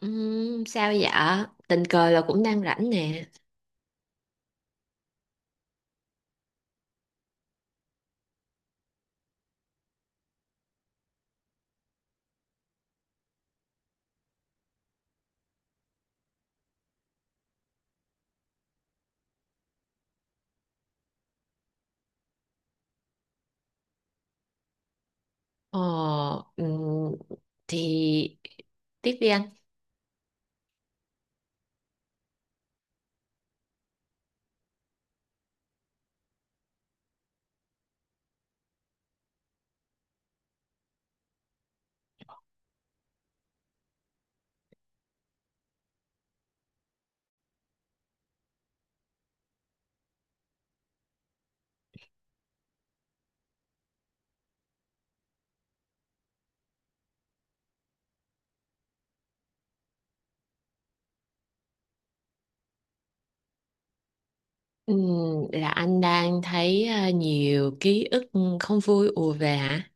Sao dạ? Tình cờ là cũng đang rảnh nè. Ờ, ừm, thì tiếp đi anh. Ừm, là anh đang thấy nhiều ký ức không vui ùa về hả?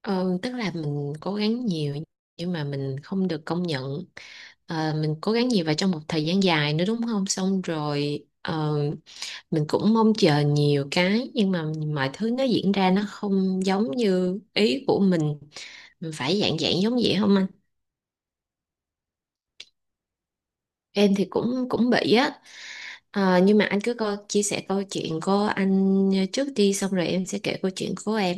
Ờ, tức là mình cố gắng nhiều nhưng mà mình không được công nhận. Ờ, mình cố gắng nhiều và trong một thời gian dài nữa đúng không? Xong rồi mình cũng mong chờ nhiều cái nhưng mà mọi thứ nó diễn ra nó không giống như ý của mình. Mình phải dạng dạng giống vậy không anh? Em thì cũng cũng bị á. Ờ, nhưng mà anh cứ coi, chia sẻ câu chuyện của anh trước đi xong rồi em sẽ kể câu chuyện của em.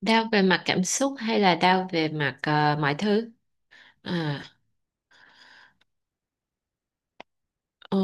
Đau về mặt cảm xúc hay là đau về mặt mọi thứ? À, ờ,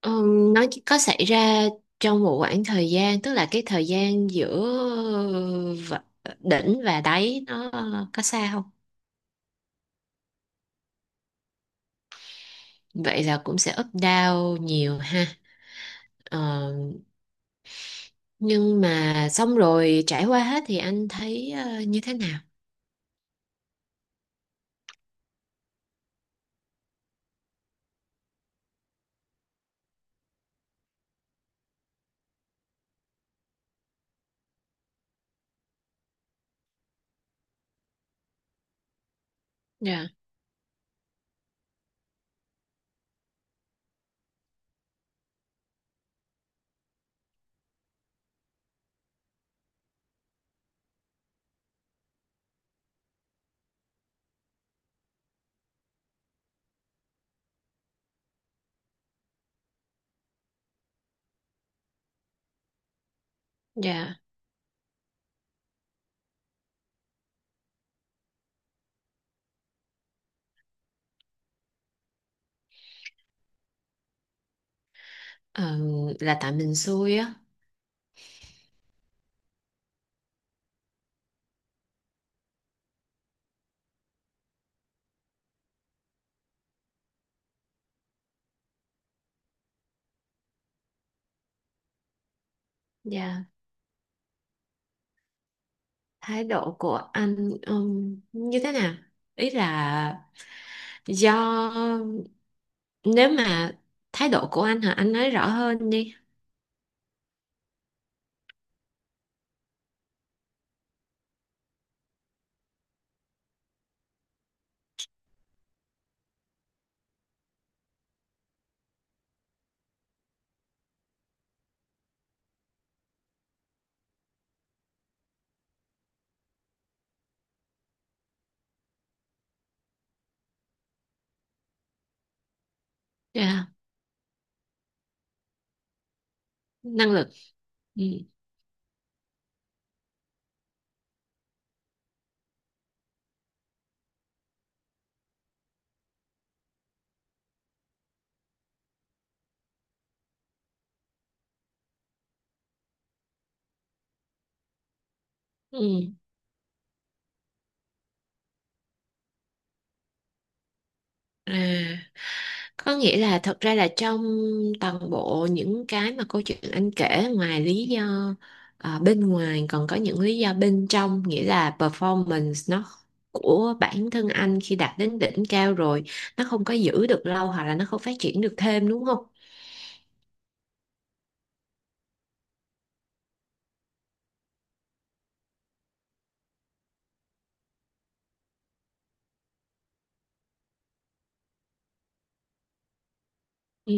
ờ, nó chỉ có xảy ra trong một khoảng thời gian tức là cái thời gian giữa v- đỉnh và đáy nó có xa không? Vậy là cũng sẽ up down nhiều ha? Ờ, nhưng mà xong rồi trải qua hết thì anh thấy như thế nào? Dạ. Dạ, ờ, là tại mình xui á. Dạ, thái độ của anh như thế nào? Ý là do, nếu mà thái độ của anh hả, anh nói rõ hơn đi. Dạ, năng lực. Ừ. Ừ. À, có nghĩa là thật ra là trong toàn bộ những cái mà câu chuyện anh kể ngoài lý do à, bên ngoài còn có những lý do bên trong, nghĩa là performance nó của bản thân anh khi đạt đến đỉnh cao rồi nó không có giữ được lâu hoặc là nó không phát triển được thêm đúng không? Ừ,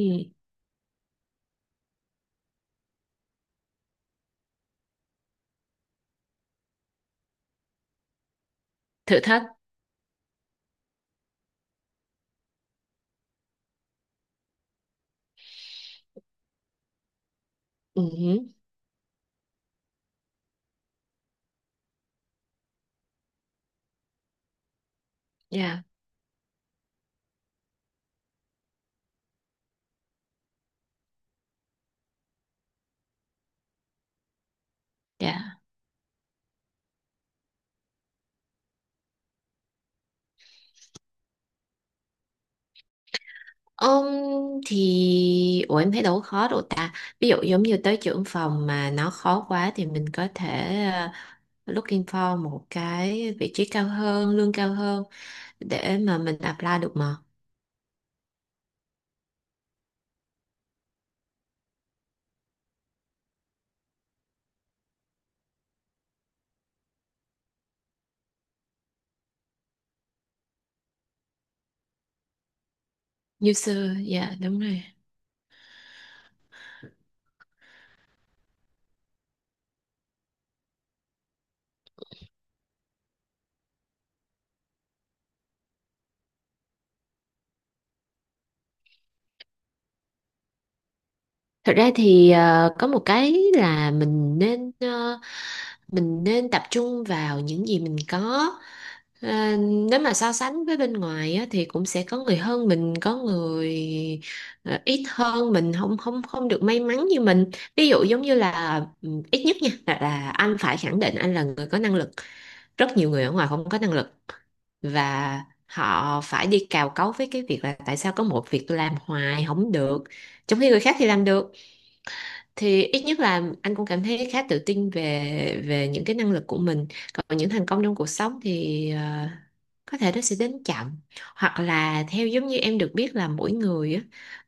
thử thách. Ừ, dạ, dạ. Ông thì ủa em thấy đâu có khó đâu ta. Ví dụ giống như tới trưởng phòng mà nó khó quá thì mình có thể looking for một cái vị trí cao hơn, lương cao hơn để mà mình apply được mà. User, dạ đúng rồi. Thật ra thì có một cái là mình nên mình nên tập trung vào những gì mình có. Ờ, nếu mà so sánh với bên ngoài á, thì cũng sẽ có người hơn mình, có người ít hơn mình, không không không được may mắn như mình. Ví dụ giống như là ừ, ít nhất nha là anh phải khẳng định anh là người có năng lực. Rất nhiều người ở ngoài không có năng lực và họ phải đi cào cấu với cái việc là tại sao có một việc tôi làm hoài không được, trong khi người khác thì làm được. Thì ít nhất là anh cũng cảm thấy khá tự tin về về những cái năng lực của mình. Còn những thành công trong cuộc sống thì có thể nó sẽ đến chậm, hoặc là theo giống như em được biết là mỗi người á,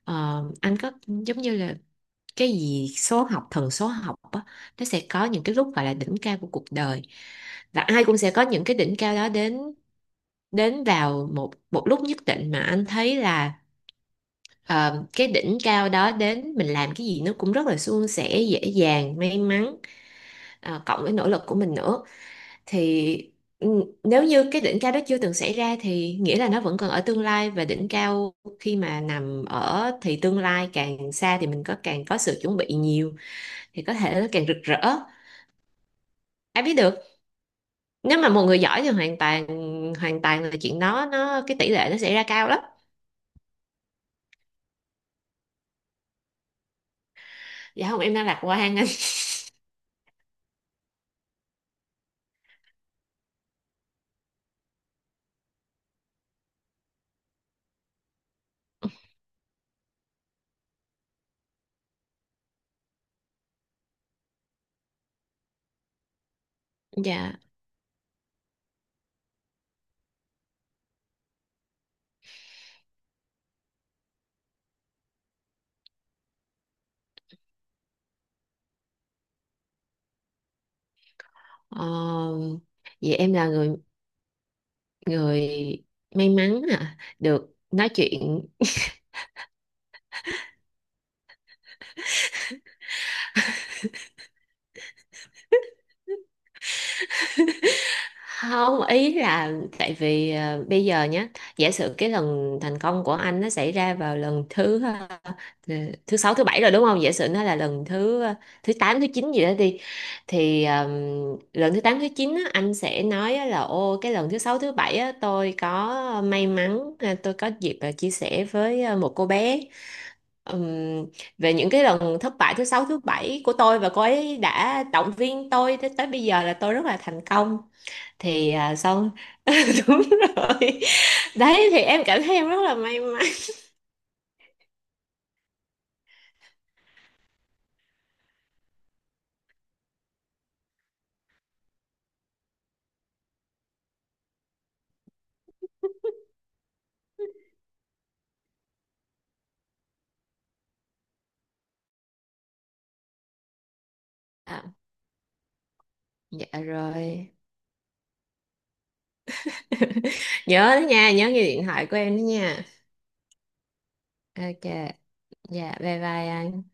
anh có giống như là cái gì số học, thần số học á, nó sẽ có những cái lúc gọi là đỉnh cao của cuộc đời, và ai cũng sẽ có những cái đỉnh cao đó đến, đến vào một một lúc nhất định mà anh thấy là. Ờ, cái đỉnh cao đó đến mình làm cái gì nó cũng rất là suôn sẻ, dễ dàng, may mắn, cộng với nỗ lực của mình nữa thì ừ, nếu như cái đỉnh cao đó chưa từng xảy ra thì nghĩa là nó vẫn còn ở tương lai, và đỉnh cao khi mà nằm ở thì tương lai càng xa thì mình có càng có sự chuẩn bị nhiều thì có thể nó càng rực rỡ. Ai biết được, nếu mà một người giỏi thì hoàn toàn, là chuyện đó nó cái tỷ lệ nó xảy ra cao lắm. Dạ không, em đang lạc quan anh. Dạ. Ờ, vậy em là người, người may mắn à được nói chuyện. Không, ý là tại vì bây giờ nhé, giả sử cái lần thành công của anh nó xảy ra vào lần thứ thứ sáu thứ bảy rồi đúng không, giả sử nó là lần thứ thứ tám thứ chín gì đó đi, thì lần thứ tám thứ chín á, anh sẽ nói á là ô cái lần thứ sáu thứ bảy á, tôi có may mắn tôi có dịp chia sẻ với một cô bé. Ừm, về những cái lần thất bại thứ sáu thứ bảy của tôi và cô ấy đã động viên tôi tới, tới bây giờ là tôi rất là thành công. Thì à, sau đúng rồi. Đấy thì em cảm thấy em rất là may mắn. À, dạ rồi. Nhớ đó nha, nhớ nghe điện thoại của em đó nha. Ok, dạ bye bye anh.